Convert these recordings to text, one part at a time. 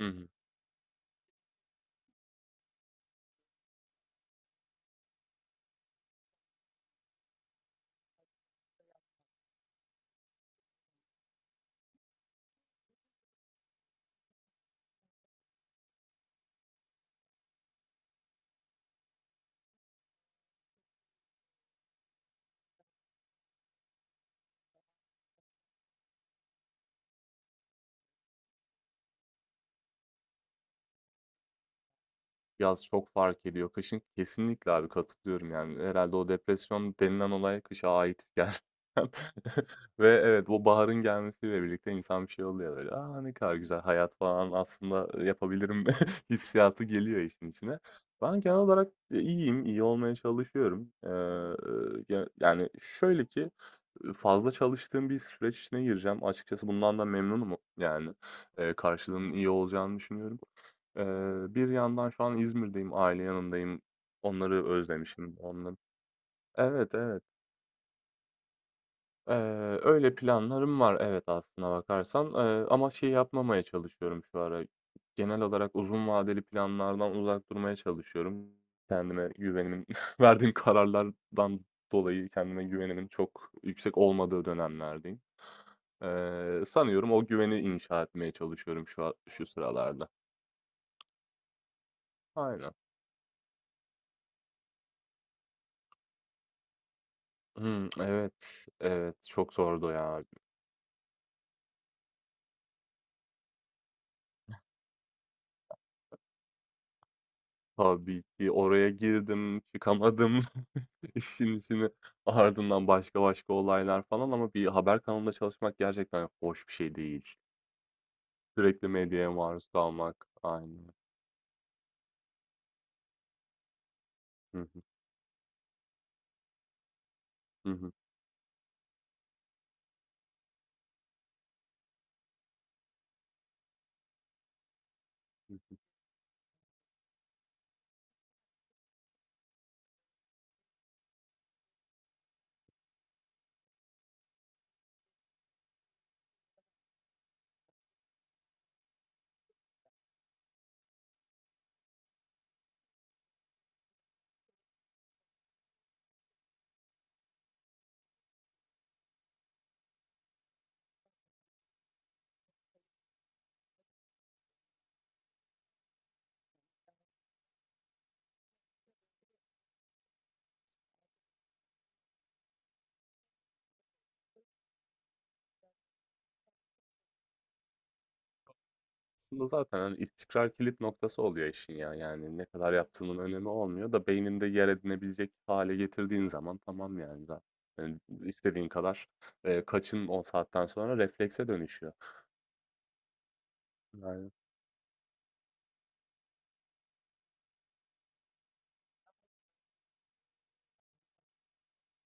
Hı hı. Yaz çok fark ediyor. Kışın kesinlikle abi katılıyorum yani. Herhâlde o depresyon denilen olay kışa ait gerçekten ve evet, bu baharın gelmesiyle birlikte insan bir şey oluyor böyle, "A, ne kadar güzel hayat falan aslında yapabilirim." hissiyatı geliyor işin içine. Ben genel olarak, iyiyim, iyi olmaya çalışıyorum. Ya yani şöyle ki, fazla çalıştığım bir süreç içine gireceğim. Açıkçası bundan da memnunum yani. Karşılığının iyi olacağını düşünüyorum. Eee, bir yandan şu an İzmir'deyim, aile yanındayım. Onları özlemişim. Onları evet, evet. Eee, öyle planlarım var evet aslına bakarsan, ama şey yapmamaya çalışıyorum şu ara. Genel olarak uzun vadeli planlardan uzak durmaya çalışıyorum. Kendime güvenimin verdiğim kararlardan dolayı kendime güvenimin çok yüksek olmadığı dönemlerdeyim. Sanıyorum o güveni inşa etmeye çalışıyorum şu sıralarda. Aynen. Hımm, evet, evet. Çok zordu ya. Tabii ki oraya girdim, çıkamadım işin içine. Ardından başka başka olaylar falan ama bir haber kanalında çalışmak gerçekten hoş bir şey değil. Sürekli medyaya maruz kalmak. Aynen. Hı hı, hı hı. Aslında zaten hani istikrar kilit noktası oluyor işin ya. Yani ne kadar yaptığının önemi olmuyor da beyninde yer edinebilecek hale getirdiğin zaman tamam yani zaten. Yani istediğin kadar kaçın o saatten sonra reflekse dönüşüyor. Yani.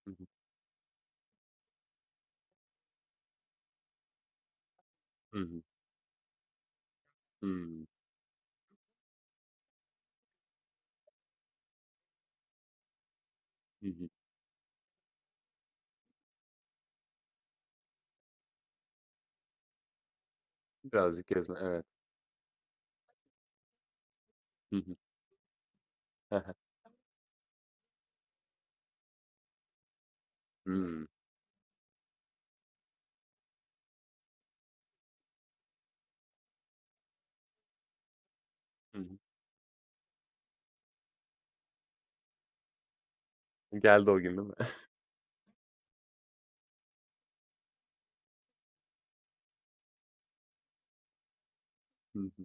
Hı hı, hı hı, hı hı. Hı hı. Birazcık gezme, evet. Hı hı. He he. Hımm. Hı hı. Geldi o gün değil mi? Hı hı.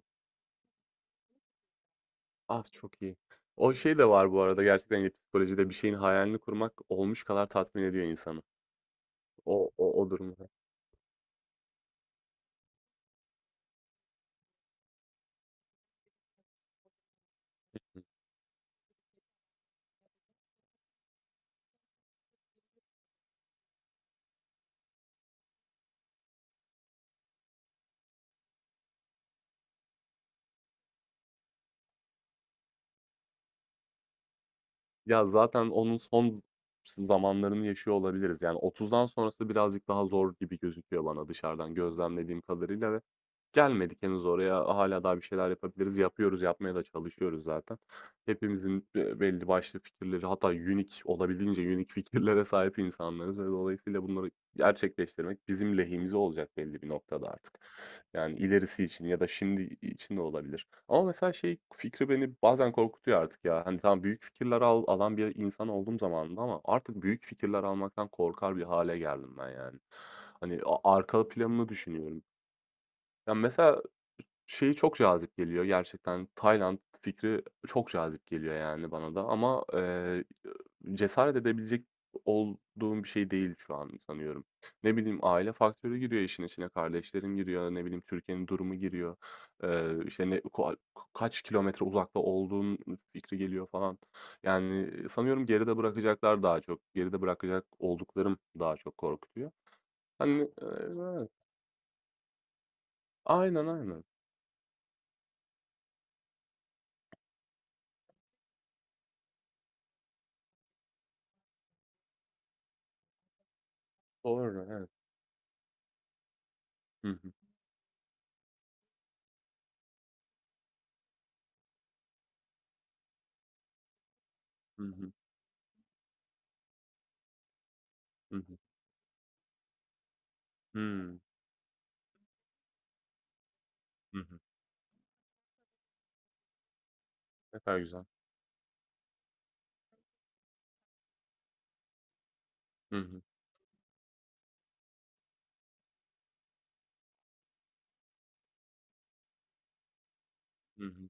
Ah, çok iyi. O şey de var bu arada gerçekten, hani, psikolojide bir şeyin hayalini kurmak olmuş kadar tatmin ediyor insanı. O durumda. Hı. Ya, zaten onun son zamanlarını yaşıyor olabiliriz. Yani 30'dan sonrası birazcık daha zor gibi gözüküyor bana dışarıdan gözlemlediğim kadarıyla ve gelmedik henüz oraya. Hala daha bir şeyler yapabiliriz. Yapıyoruz, yapmaya da çalışıyoruz zaten. Hepimizin, belli başlı fikirleri hatta unique olabildiğince unique fikirlere sahip insanlarız ve dolayısıyla bunları gerçekleştirmek bizim lehimize olacak belli bir noktada artık. Yani ilerisi için ya da şimdi için de olabilir. Ama mesela şey fikri beni bazen korkutuyor artık ya. Hani tamam büyük fikirler alan bir insan olduğum zamanında ama artık büyük fikirler almaktan korkar bir hale geldim ben yani. Hani arka planını düşünüyorum. Ya mesela şey çok cazip geliyor gerçekten. Tayland fikri çok cazip geliyor yani bana da ama, cesaret edebilecek olduğum bir şey değil şu an sanıyorum. Ne bileyim, aile faktörü giriyor işin içine, kardeşlerim giriyor, ne bileyim, Türkiye'nin durumu giriyor. İşte, ne ko kaç kilometre uzakta olduğun fikri geliyor falan. Yani, sanıyorum geride bırakacaklar daha çok, geride bırakacak olduklarım daha çok korkutuyor. Hani, evet. Aynen, aynen. Doğru, evet. Hı hı. Hı hı. Hı hı. Hımm. Hı hı. Ne kadar güzel. Hı hı. Hı hı.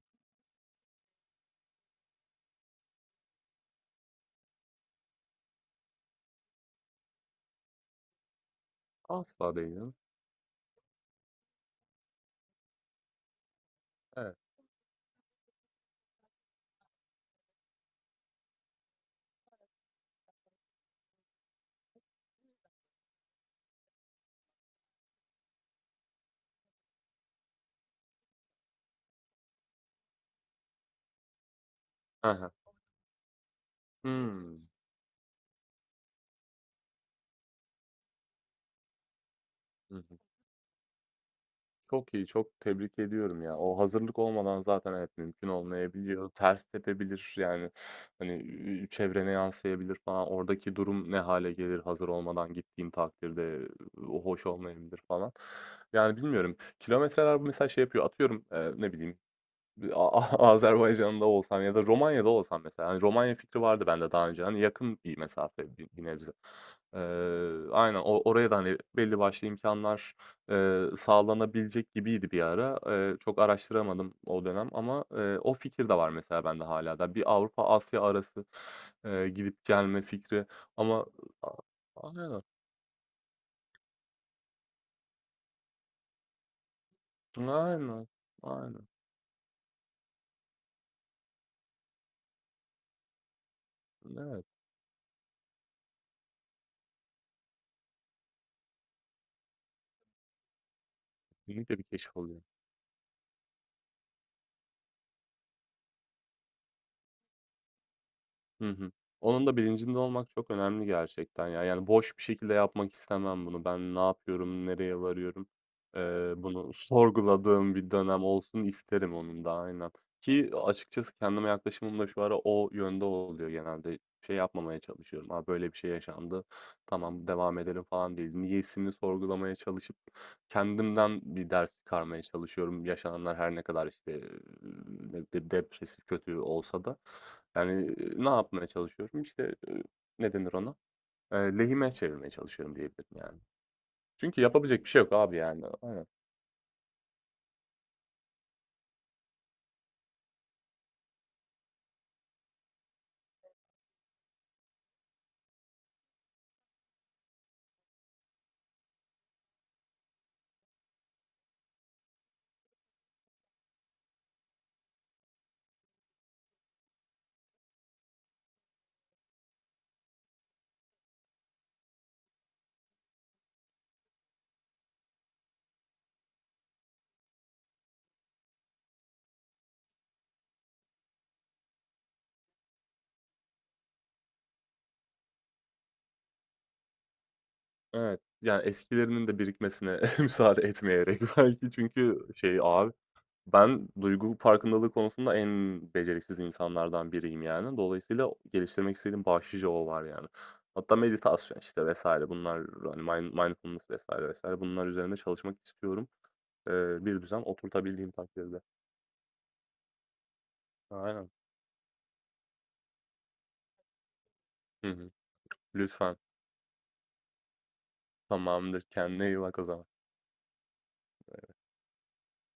Asla değilim. Evet. Hı hı. Hımm. Hı hı. Çok iyi, çok tebrik ediyorum ya. O hazırlık olmadan zaten evet mümkün olmayabiliyor. Ters tepebilir yani, hani, çevrene yansıyabilir falan. Oradaki durum ne hâle gelir hazır olmadan gittiğin takdirde, o hoş olmayabilir falan. Yani bilmiyorum. Kilometreler mesela şey yapıyor, atıyorum, ne bileyim A A Azerbaycan'da olsam ya da Romanya'da olsam mesela, hani, Romanya fikri vardı bende daha önce. Hani, yakın bir mesafe bir nebze. Eee, aynen oraya da, hani, belli başlı imkanlar sağlanabilecek gibiydi bir ara. Çok araştıramadım o dönem ama, o fikir de var mesela bende hala da. Bir Avrupa-Asya arası, gidip gelme fikri ama a aynen, aynen, aynen. Evet, kesinlikle bir keşif oluyor. Hı hı. Onun da bilincinde olmak çok önemli gerçekten ya. Yani boş bir şekilde yapmak istemem bunu. Ben ne yapıyorum, nereye varıyorum? Bunu sorguladığım bir dönem olsun isterim onun da aynen. Ki açıkçası kendime yaklaşımım da şu ara o yönde oluyor genelde. Şey yapmamaya çalışıyorum. Ha böyle bir şey yaşandı. Tamam devam edelim falan değil. Niyesini sorgulamaya çalışıp kendimden bir ders çıkarmaya çalışıyorum. Yaşananlar her ne kadar, işte, ne de depresif, kötü olsa da. Yani, ne yapmaya çalışıyorum? İşte, ne denir ona? Lehime çevirmeye çalışıyorum diyebilirim yani. Çünkü yapabilecek bir şey yok abi yani. Aynen. Evet. Yani eskilerinin de birikmesine müsaade etmeyerek belki çünkü şey abi. Ben duygu farkındalığı konusunda en beceriksiz insanlardan biriyim yani. Dolayısıyla geliştirmek istediğim başlıca o var yani. Hatta meditasyon işte vesaire bunlar hani mindfulness vesaire vesaire bunlar üzerinde çalışmak istiyorum. Bir düzen oturtabildiğim takdirde. Aynen. Hı hı. Lütfen. Tamamdır. Kendine iyi bak o zaman.